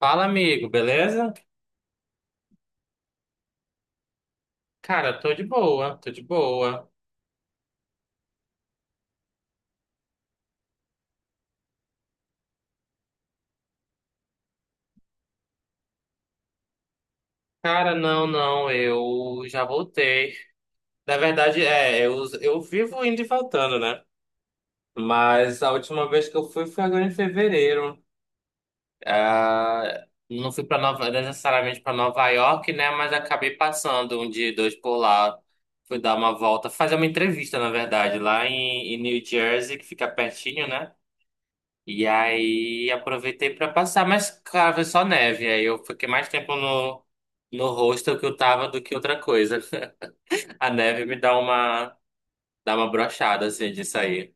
Fala, amigo, beleza? Cara, tô de boa, tô de boa. Cara, não, não, eu já voltei. Na verdade, eu vivo indo e voltando, né? Mas a última vez que eu fui foi agora em fevereiro. Ah, não fui para necessariamente para Nova York, né? Mas acabei passando um dia, e dois por lá. Fui dar uma volta, fazer uma entrevista, na verdade, lá em, New Jersey, que fica pertinho, né? E aí aproveitei pra passar, mas claro, foi só neve. Aí eu fiquei mais tempo no, hostel que eu tava do que outra coisa. A neve me dá uma brochada assim de sair.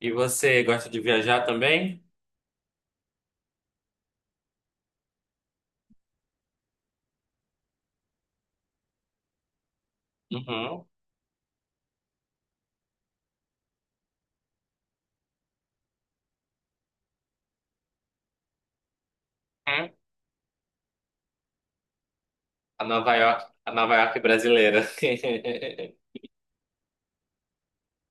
E você gosta de viajar também? Uhum. Hum. A Nova York brasileira.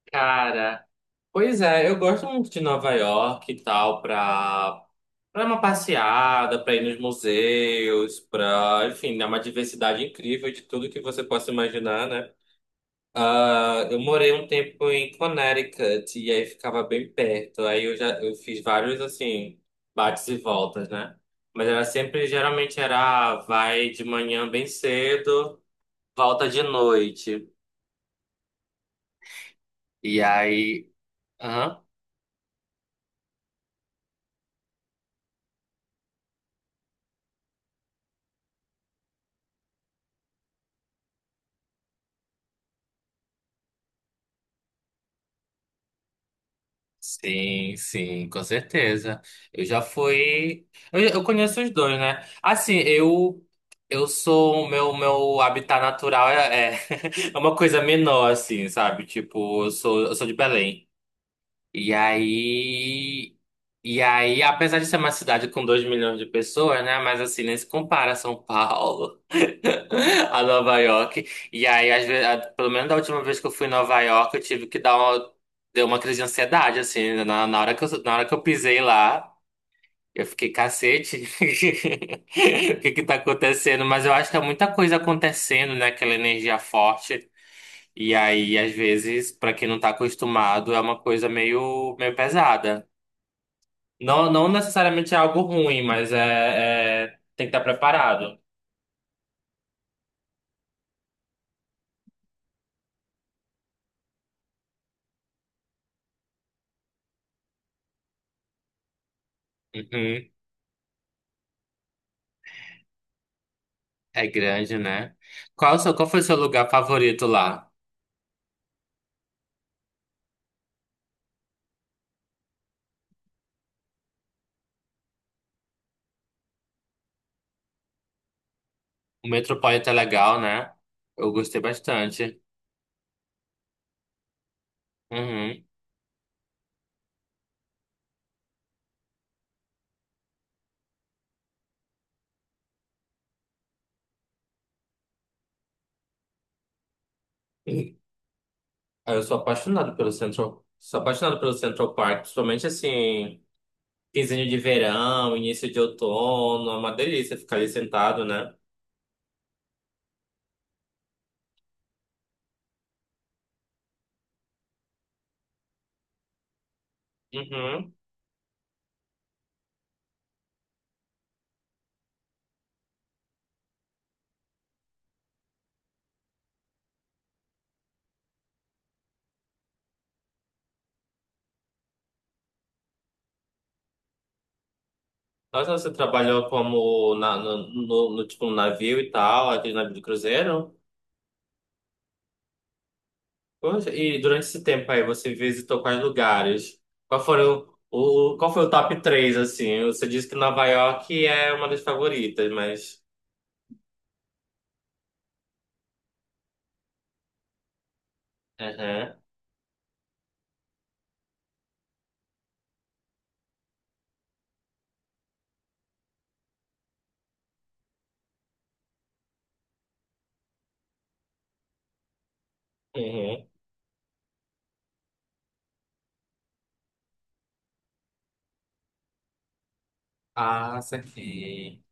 Cara. Pois é, eu gosto muito de Nova York e tal, pra uma passeada, pra ir nos museus, pra, enfim, é uma diversidade incrível de tudo que você possa imaginar, né? Ah, eu morei um tempo em Connecticut e aí ficava bem perto. Aí eu fiz vários assim bates e voltas, né? Mas era sempre, geralmente era vai de manhã bem cedo, volta de noite. E aí, aham. Sim, sim, com certeza. Eu já fui. Eu conheço os dois, né? Assim, eu sou o meu habitat natural é uma coisa menor, assim, sabe? Tipo, eu sou de Belém. E aí. E aí, apesar de ser uma cidade com 2 milhões de pessoas, né? Mas assim, nem se compara a São Paulo, a Nova York. E aí, às vezes, pelo menos da última vez que eu fui em Nova York, eu tive que deu uma crise de ansiedade, assim. Na hora que eu pisei lá, eu fiquei, cacete, o que que tá acontecendo? Mas eu acho que é muita coisa acontecendo, né? Aquela energia forte. E aí, às vezes, pra quem não tá acostumado, é uma coisa meio, meio pesada. Não, não necessariamente é algo ruim, mas tem que estar preparado. Uhum. É grande, né? Qual foi o seu lugar favorito lá? O Metropolitan é legal, né? Eu gostei bastante. Uhum. Ah, eu sou apaixonado pelo Central, Park, principalmente assim, quinzinho de verão, início de outono, é uma delícia ficar ali sentado, né? Uhum. Mas você trabalhou como na, no, no, no, tipo, no navio e tal, aquele navio de cruzeiro? Poxa, e durante esse tempo aí, você visitou quais lugares? Qual foi o top 3 assim? Você disse que Nova York é uma das favoritas, mas... Aham, uhum. Ah, saquei.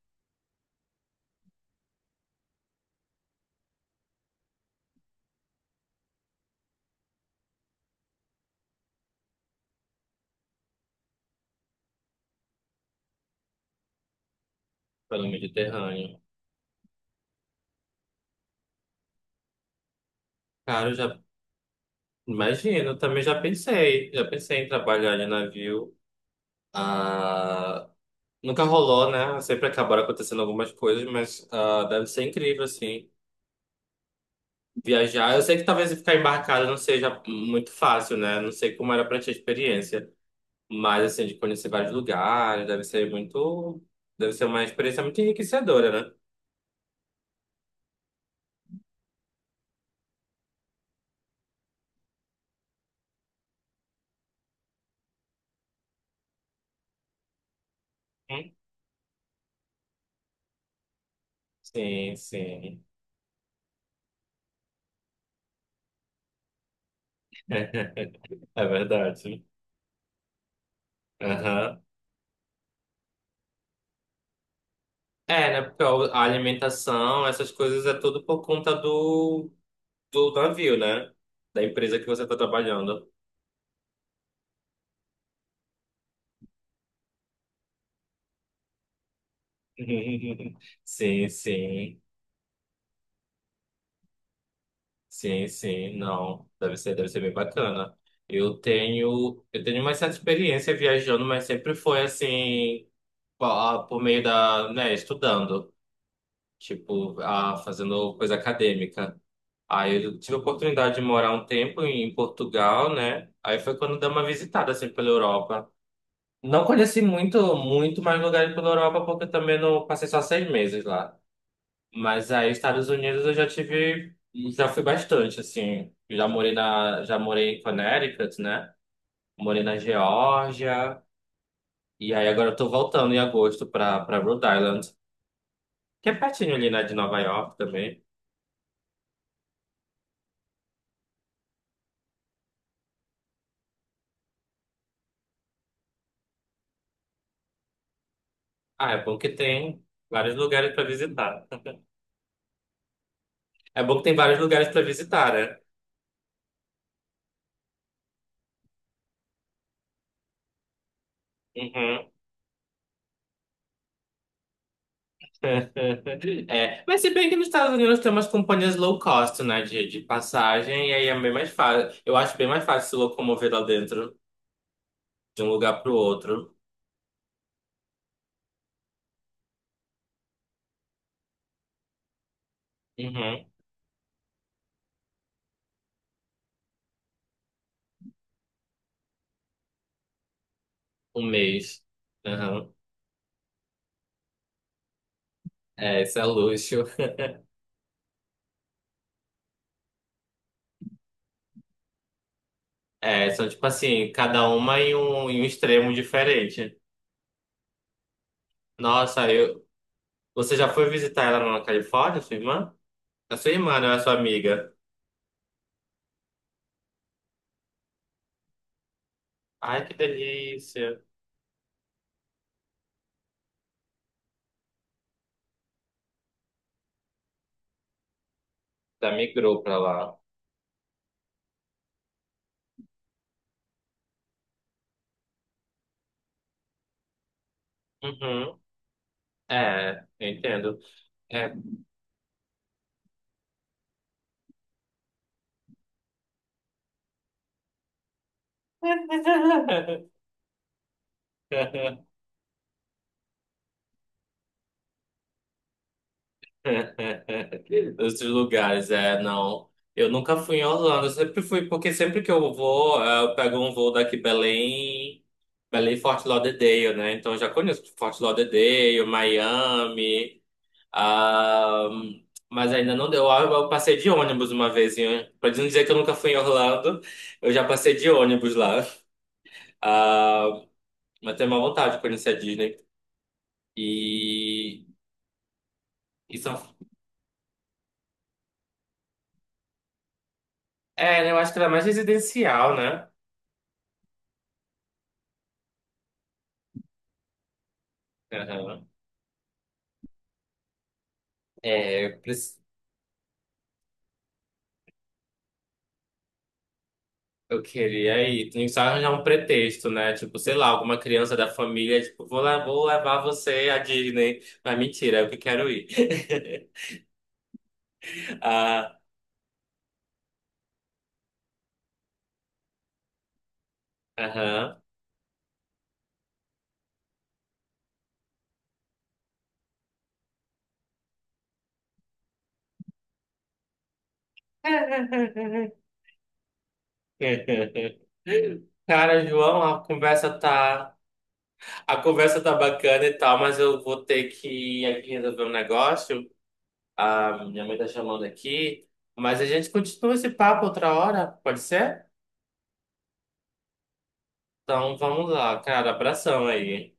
Pelo Mediterrâneo. Cara, eu já imagino, eu também já pensei. Já pensei em trabalhar de navio. Ah, nunca rolou, né? Sempre acabaram acontecendo algumas coisas, mas deve ser incrível, assim. Viajar. Eu sei que talvez ficar embarcado não seja muito fácil, né? Não sei como era pra ti a experiência. Mas, assim, de conhecer vários lugares, deve ser muito. Deve ser uma experiência muito enriquecedora, né? Hum? Sim, sim. É verdade. Aham. É, né? Porque a alimentação, essas coisas é tudo por conta do, navio, né? Da empresa que você tá trabalhando. Sim, sim, sim, sim, não, deve ser bem bacana. Eu tenho uma certa experiência viajando, mas sempre foi assim, por meio da, né, estudando, tipo, fazendo coisa acadêmica. Aí eu tive a oportunidade de morar um tempo em Portugal, né? Aí foi quando dei uma visitada assim pela Europa. Não conheci muito, muito mais lugares pela Europa, porque eu também não passei só 6 meses lá. Mas aí, Estados Unidos já fui bastante, assim. Já morei em Connecticut, né? Morei na Geórgia. E aí agora eu tô voltando em agosto pra, Rhode Island, que é pertinho ali, né, de Nova York também. Ah, é bom que tem vários lugares pra visitar. É bom que tem vários lugares pra visitar, né? Uhum. É, mas se bem que nos Estados Unidos tem umas companhias low cost, né, de, passagem, e aí é bem mais fácil. Eu acho bem mais fácil se locomover lá dentro de um lugar pro outro. Uhum. Um mês. Uhum. É, isso é luxo. É, são tipo assim, cada uma em um extremo diferente. Nossa, eu... Você já foi visitar ela na Califórnia, sua irmã? A sua irmã, não é a sua amiga. Ai, que delícia. Já migrou pra lá. Uhum. É, eu entendo. É. Outros lugares, é, não. Eu nunca fui em Orlando, eu sempre fui, porque sempre que eu vou, eu pego um voo daqui Belém, Belém Fort Lauderdale, né? Então eu já conheço Fort Lauderdale, Miami, ah, mas ainda não deu. Eu passei de ônibus uma vez, hein? Pra não dizer que eu nunca fui em Orlando, eu já passei de ônibus lá. Ah, mas tenho uma vontade de conhecer a Disney. E, e são, eu acho que ela é mais residencial, né? É, eu queria ir. Tem que só arranjar um pretexto, né? Tipo, sei lá, alguma criança da família, tipo, vou levar você à Disney. Mas mentira, eu que quero ir. Ah, aham. Cara, João, a conversa tá bacana e tal, mas eu vou ter que ir aqui resolver um negócio. A minha mãe tá chamando aqui, mas a gente continua esse papo outra hora, pode ser? Então vamos lá, cara, abração aí.